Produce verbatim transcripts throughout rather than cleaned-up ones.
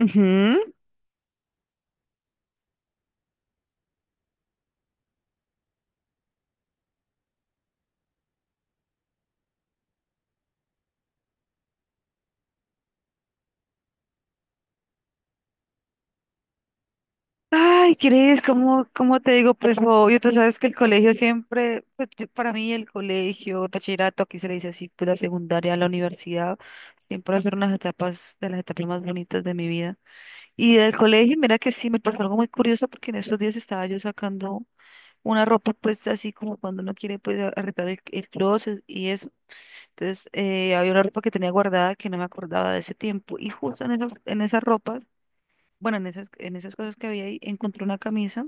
Ujú. Ay, ¿crees? ¿Cómo, cómo te digo? Pues lo obvio, tú sabes que el colegio siempre, pues, yo- para mí el colegio, el bachillerato, aquí se le dice así, pues la secundaria, la universidad, siempre son unas etapas de las etapas más bonitas de mi vida. Y del colegio, mira que sí, me pasó algo muy curioso porque en esos días estaba yo sacando una ropa, pues así como cuando uno quiere, pues a- arreglar el, el closet y eso. Entonces, eh, había una ropa que tenía guardada que no me acordaba de ese tiempo y justo en esa, en esa ropa, bueno, en esas, en esas cosas que había ahí, encontré una camisa.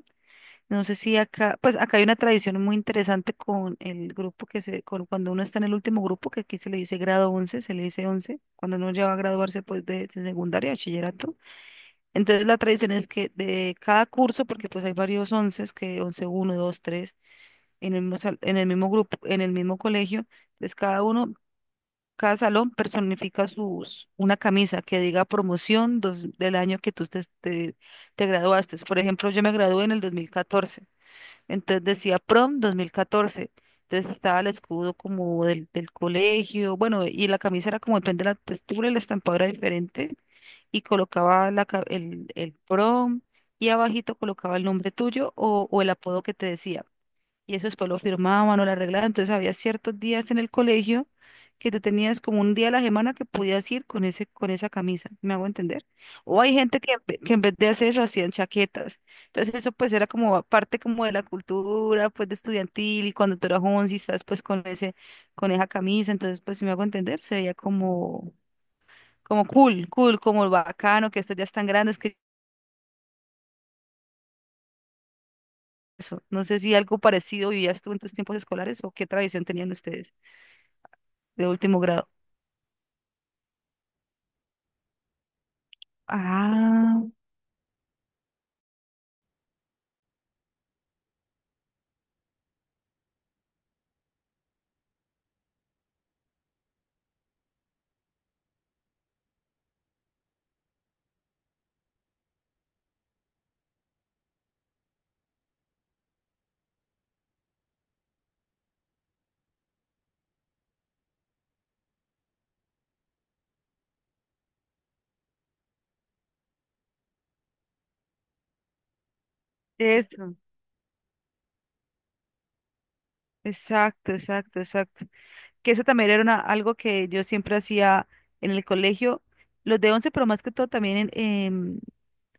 No sé si acá, pues acá hay una tradición muy interesante con el grupo que se, con, cuando uno está en el último grupo, que aquí se le dice grado once, se le dice once cuando uno ya va a graduarse pues de, de secundaria, bachillerato. Entonces la tradición es que de cada curso, porque pues hay varios once, que once uno dos tres en el mismo, sal- en el mismo grupo, en el mismo colegio, pues cada uno cada salón personifica sus, una camisa que diga promoción dos- del año que tú te, te, te graduaste. Por ejemplo, yo me gradué en el dos mil catorce, entonces decía prom dos mil catorce. Entonces estaba el escudo como del, del colegio, bueno, y la camisa era como depende de la textura, y la estampa era diferente, y colocaba la, ca- el, el prom y abajito colocaba el nombre tuyo o, o el apodo que te decía. Y eso después lo firmaban o lo arreglaban. Entonces había ciertos días en el colegio que tú tenías como un día a la semana que podías ir con ese, con esa camisa, ¿me hago entender? O hay gente que, en ve- que en vez de hacer eso hacían chaquetas. Entonces eso pues era como parte como de la cultura pues de estudiantil y cuando tú eras once y estás pues con ese, con esa camisa, entonces pues si me hago entender, se veía como, como cool, cool, como bacano, que estos ya están grandes, que eso. No sé si algo parecido vivías tú en tus tiempos escolares o qué tradición tenían ustedes de último grado. Ah, eso, exacto, exacto, exacto. Que eso también era una- algo que yo siempre hacía en el colegio, los de once, pero más que todo también en, en-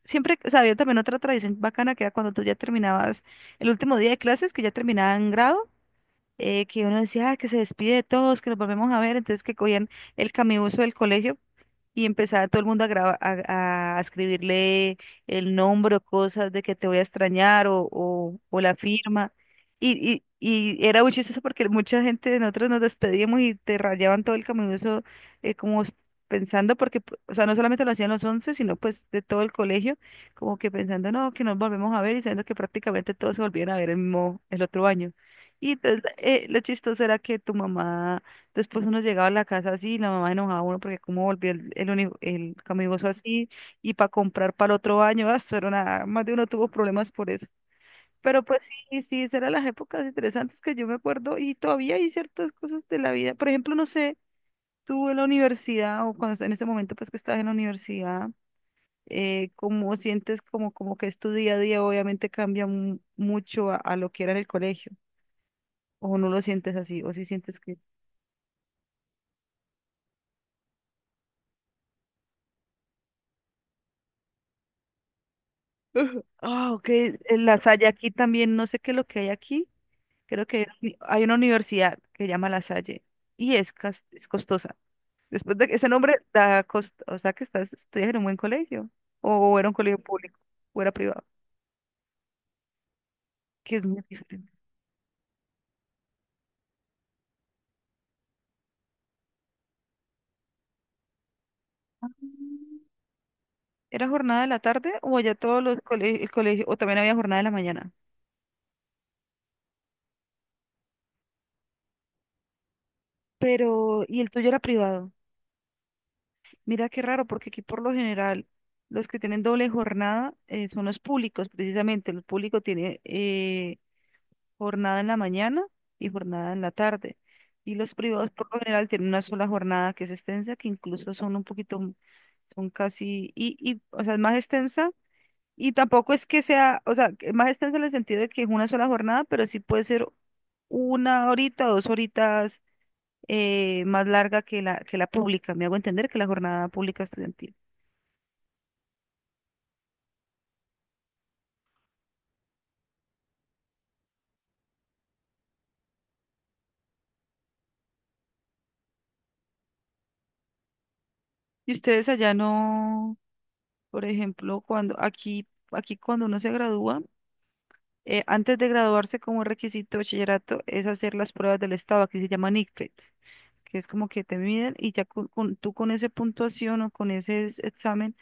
siempre, o sea, había también otra tradición bacana que era cuando tú ya terminabas el último día de clases, que ya terminaban grado, eh, que uno decía: "Ah, que se despide de todos, que nos volvemos a ver", entonces que cogían el camibuso del colegio y empezaba todo el mundo a, graba- a, a escribirle el nombre o cosas de que te voy a extrañar o, o, o la firma. Y, y, y era muy chistoso porque mucha gente de nosotros nos despedíamos y te rayaban todo el camibuso, eh, como s- pensando, porque, p- o sea, no solamente lo hacían los once sino pues de todo el colegio, como que pensando, no, que nos volvemos a ver y sabiendo que prácticamente todos se volvían a ver el mismo, el otro año. Y entonces, eh, lo chistoso era que tu mamá, después uno llegaba a la casa así y la mamá enojaba a uno porque cómo volvió el, el, uni- el camibuso así y para comprar para el otro año, ah, eso era una- más de uno tuvo problemas por eso. Pero pues sí, sí, esas eran las épocas interesantes que yo me acuerdo y todavía hay ciertas cosas de la vida. Por ejemplo, no sé, tú en la universidad o cuando en ese momento pues que estás en la universidad, eh, cómo sientes como, como que es tu día a día, obviamente cambia mu- mucho a, a lo que era en el colegio. O no lo sientes así, o si sientes que... Ah, ok. En La Salle aquí también, no sé qué es lo que hay aquí. Creo que hay una uni- hay una universidad que se llama La Salle y es, cas- es costosa. Después de que ese nombre da costo, o sea que estás, estudias en un buen colegio o era un colegio público o era privado, que es muy diferente. ¿Era jornada de la tarde o allá todos los colegios, el colegio, o también había jornada de la mañana? Pero, y el tuyo era privado. Mira qué raro, porque aquí por lo general los que tienen doble jornada, eh, son los públicos, precisamente. El público tiene, eh, jornada en la mañana y jornada en la tarde. Y los privados por lo general tienen una sola jornada que es extensa, que incluso son un poquito, m- son casi, y, y, o sea, es más extensa. Y tampoco es que sea, o sea, que más extensa en el sentido de que es una sola jornada, pero sí puede ser una horita, dos horitas, eh, más larga que la, que la pública. Me hago entender que la jornada pública estudiantil. Y ustedes allá no, por ejemplo, cuando aquí, aquí cuando uno se gradúa, Eh, antes de graduarse como requisito de bachillerato es hacer las pruebas del estado, aquí se llaman ICFES, que es como que te miden y ya con, con- tú con esa puntuación o con ese es- examen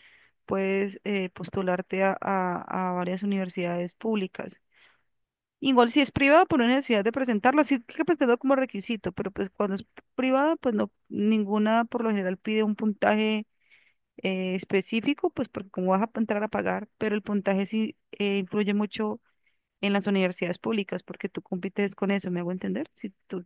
puedes, eh, postularte a, a- a varias universidades públicas. Igual si es privada, por una necesidad de presentarlo, sí hay que presentarlo como requisito, pero pues cuando es privada, pues no, ninguna por lo general pide un puntaje, eh, específico, pues porque como vas a entrar a pagar, pero el puntaje sí, eh, influye mucho en las universidades públicas, porque tú compites con eso, ¿me hago entender? Si tú,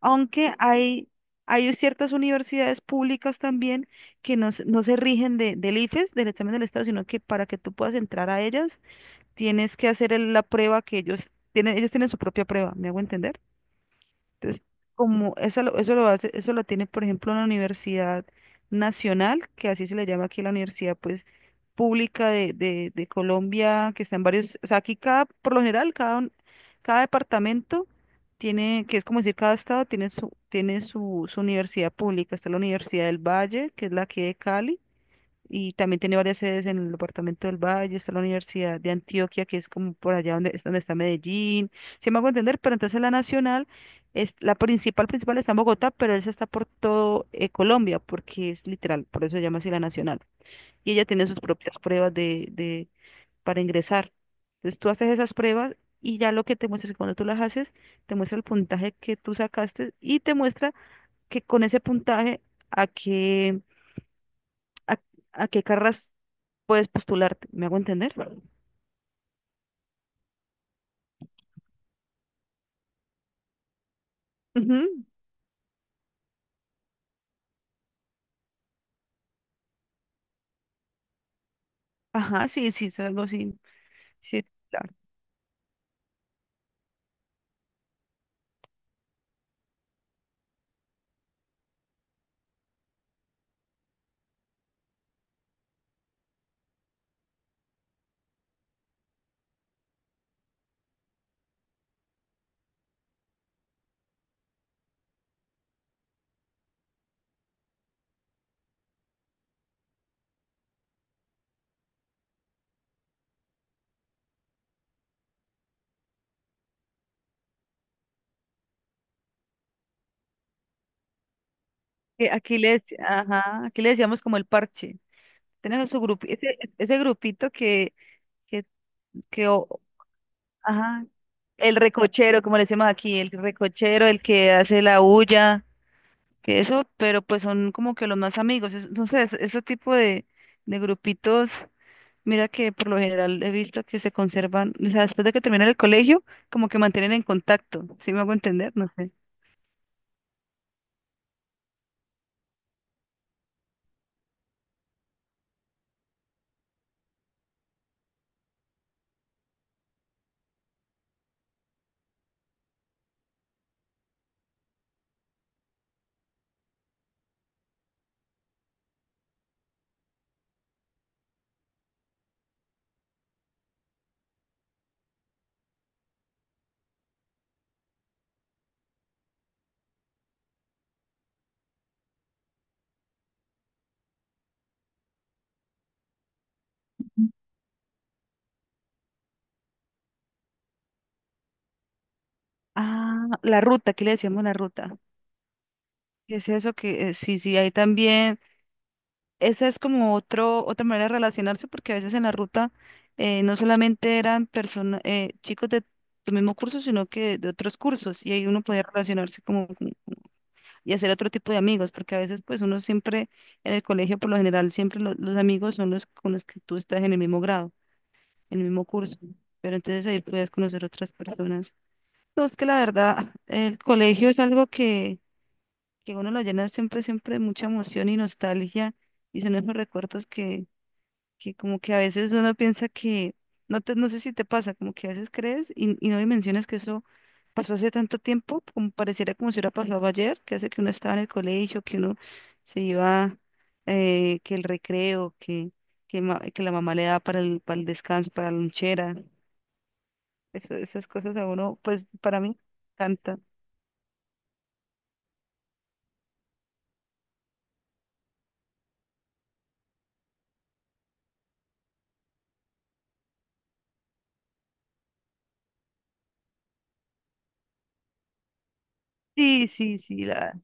aunque hay, hay ciertas universidades públicas también que no, se- no se rigen de, del IFES, del examen del Estado, sino que para que tú puedas entrar a ellas, tienes que hacer el- la prueba que ellos tienen, ellos tienen su propia prueba, ¿me hago entender? Entonces, como eso lo, eso lo hace, eso lo tiene, por ejemplo, una Universidad Nacional, que así se le llama aquí la Universidad, pues, pública de, de, de Colombia, que está en varios, o sea, aquí cada, por lo general, cada, un- cada departamento tiene, que es como decir, cada estado tiene su, tiene su, su universidad pública. Está la Universidad del Valle, que es la aquí de Cali y también tiene varias sedes en el departamento del Valle, está la Universidad de Antioquia, que es como por allá donde, es donde está Medellín, si me hago entender, pero entonces la nacional, es, la principal, principal está en Bogotá, pero esa está por todo, eh, Colombia, porque es literal, por eso se llama así la nacional. Y ella tiene sus propias pruebas de, de, para ingresar. Entonces tú haces esas pruebas y ya lo que te muestra es que cuando tú las haces, te muestra el puntaje que tú sacaste y te muestra que con ese puntaje a qué a, a qué carras puedes postularte, ¿me hago entender? Ujú. Ajá, sí, sí, es algo así. Sí, claro. Que aquí le, dec- ajá, aquí le decíamos como el parche. Tenemos su grupo, ese, ese grupito que, que, que o- ajá. El recochero, como le decimos aquí, el recochero, el que hace la bulla, que eso, pero pues son como que los más amigos. es- Entonces, ese tipo de, de grupitos, mira que por lo general he visto que se conservan, o sea, después de que terminan el colegio, como que mantienen en contacto, ¿si me hago entender? No sé. Ah, la ruta, ¿qué le decíamos, la ruta? ¿Qué es eso que, eh, sí, sí, hay también. Esa es como otro, otra manera de relacionarse porque a veces en la ruta, eh, no solamente eran personas, chicos de tu mismo curso, sino que de otros cursos y ahí uno podía relacionarse como como- y hacer otro tipo de amigos porque a veces pues uno siempre en el colegio por lo general siempre lo- los amigos son los con los que tú estás en el mismo grado, en el mismo curso, pero entonces ahí puedes conocer otras personas. No, es que la verdad el colegio es algo que, que uno lo llena siempre, siempre de mucha emoción y nostalgia y son esos recuerdos que que como que a veces uno piensa que, no te, no sé si te pasa, como que a veces crees y, y no dimensionas que eso pasó hace tanto tiempo, como pareciera como si hubiera pasado ayer, que hace que uno estaba en el colegio, que uno se iba, eh, que el recreo, que, que, ma- que la mamá le da para el, para el descanso, para la lonchera, eso- esas cosas a uno, pues para mí, canta. Sí, sí, sí, la,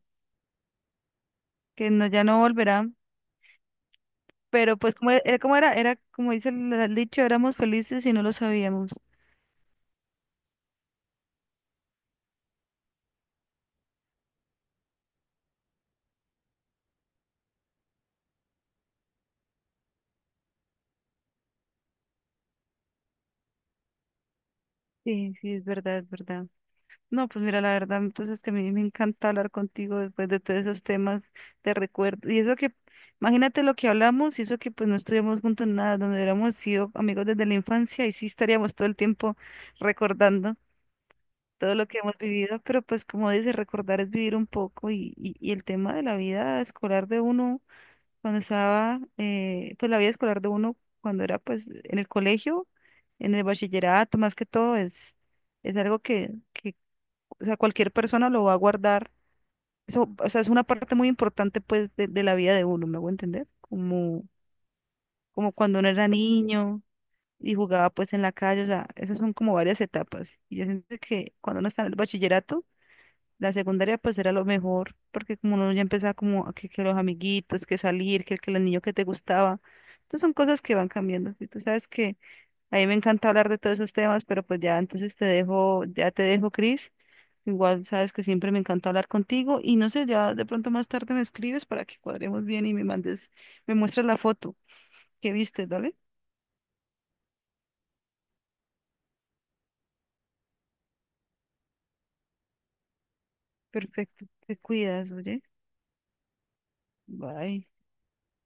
que no, ya no volverá. Pero pues como e, era, como era, era como dice el el dicho, éramos felices y no lo sabíamos. Sí, sí, es verdad, es verdad. No, pues mira, la verdad, entonces que a mí me encanta hablar contigo después de todos esos temas de recuerdo. Y eso que, imagínate lo que hablamos y eso que pues no estuvimos juntos en nada, donde hubiéramos sido amigos desde la infancia y sí estaríamos todo el tiempo recordando todo lo que hemos vivido, pero pues como dice, recordar es vivir un poco y, y, y el tema de la vida escolar de uno cuando estaba, eh, pues la vida escolar de uno, cuando era pues en el colegio, en el bachillerato, más que todo, es, es algo que, que, o sea, cualquier persona lo va a guardar. Eso, o sea, es una parte muy importante pues de, de la vida de uno, ¿me hago entender? Como, como cuando uno era niño y jugaba pues en la calle, o sea, esas son como varias etapas. Y yo siento que cuando uno está en el bachillerato, la secundaria pues era lo mejor, porque como uno ya empezaba como que, que los amiguitos, que salir, que, que el niño que te gustaba. Entonces son cosas que van cambiando. Y tú sabes que a mí me encanta hablar de todos esos temas, pero pues ya entonces te dejo, ya te dejo, Cris. Igual sabes que siempre me encanta hablar contigo y no sé, ya de pronto más tarde me escribes para que cuadremos bien y me mandes, me muestras la foto que viste, ¿vale? Perfecto, te cuidas, oye. Bye.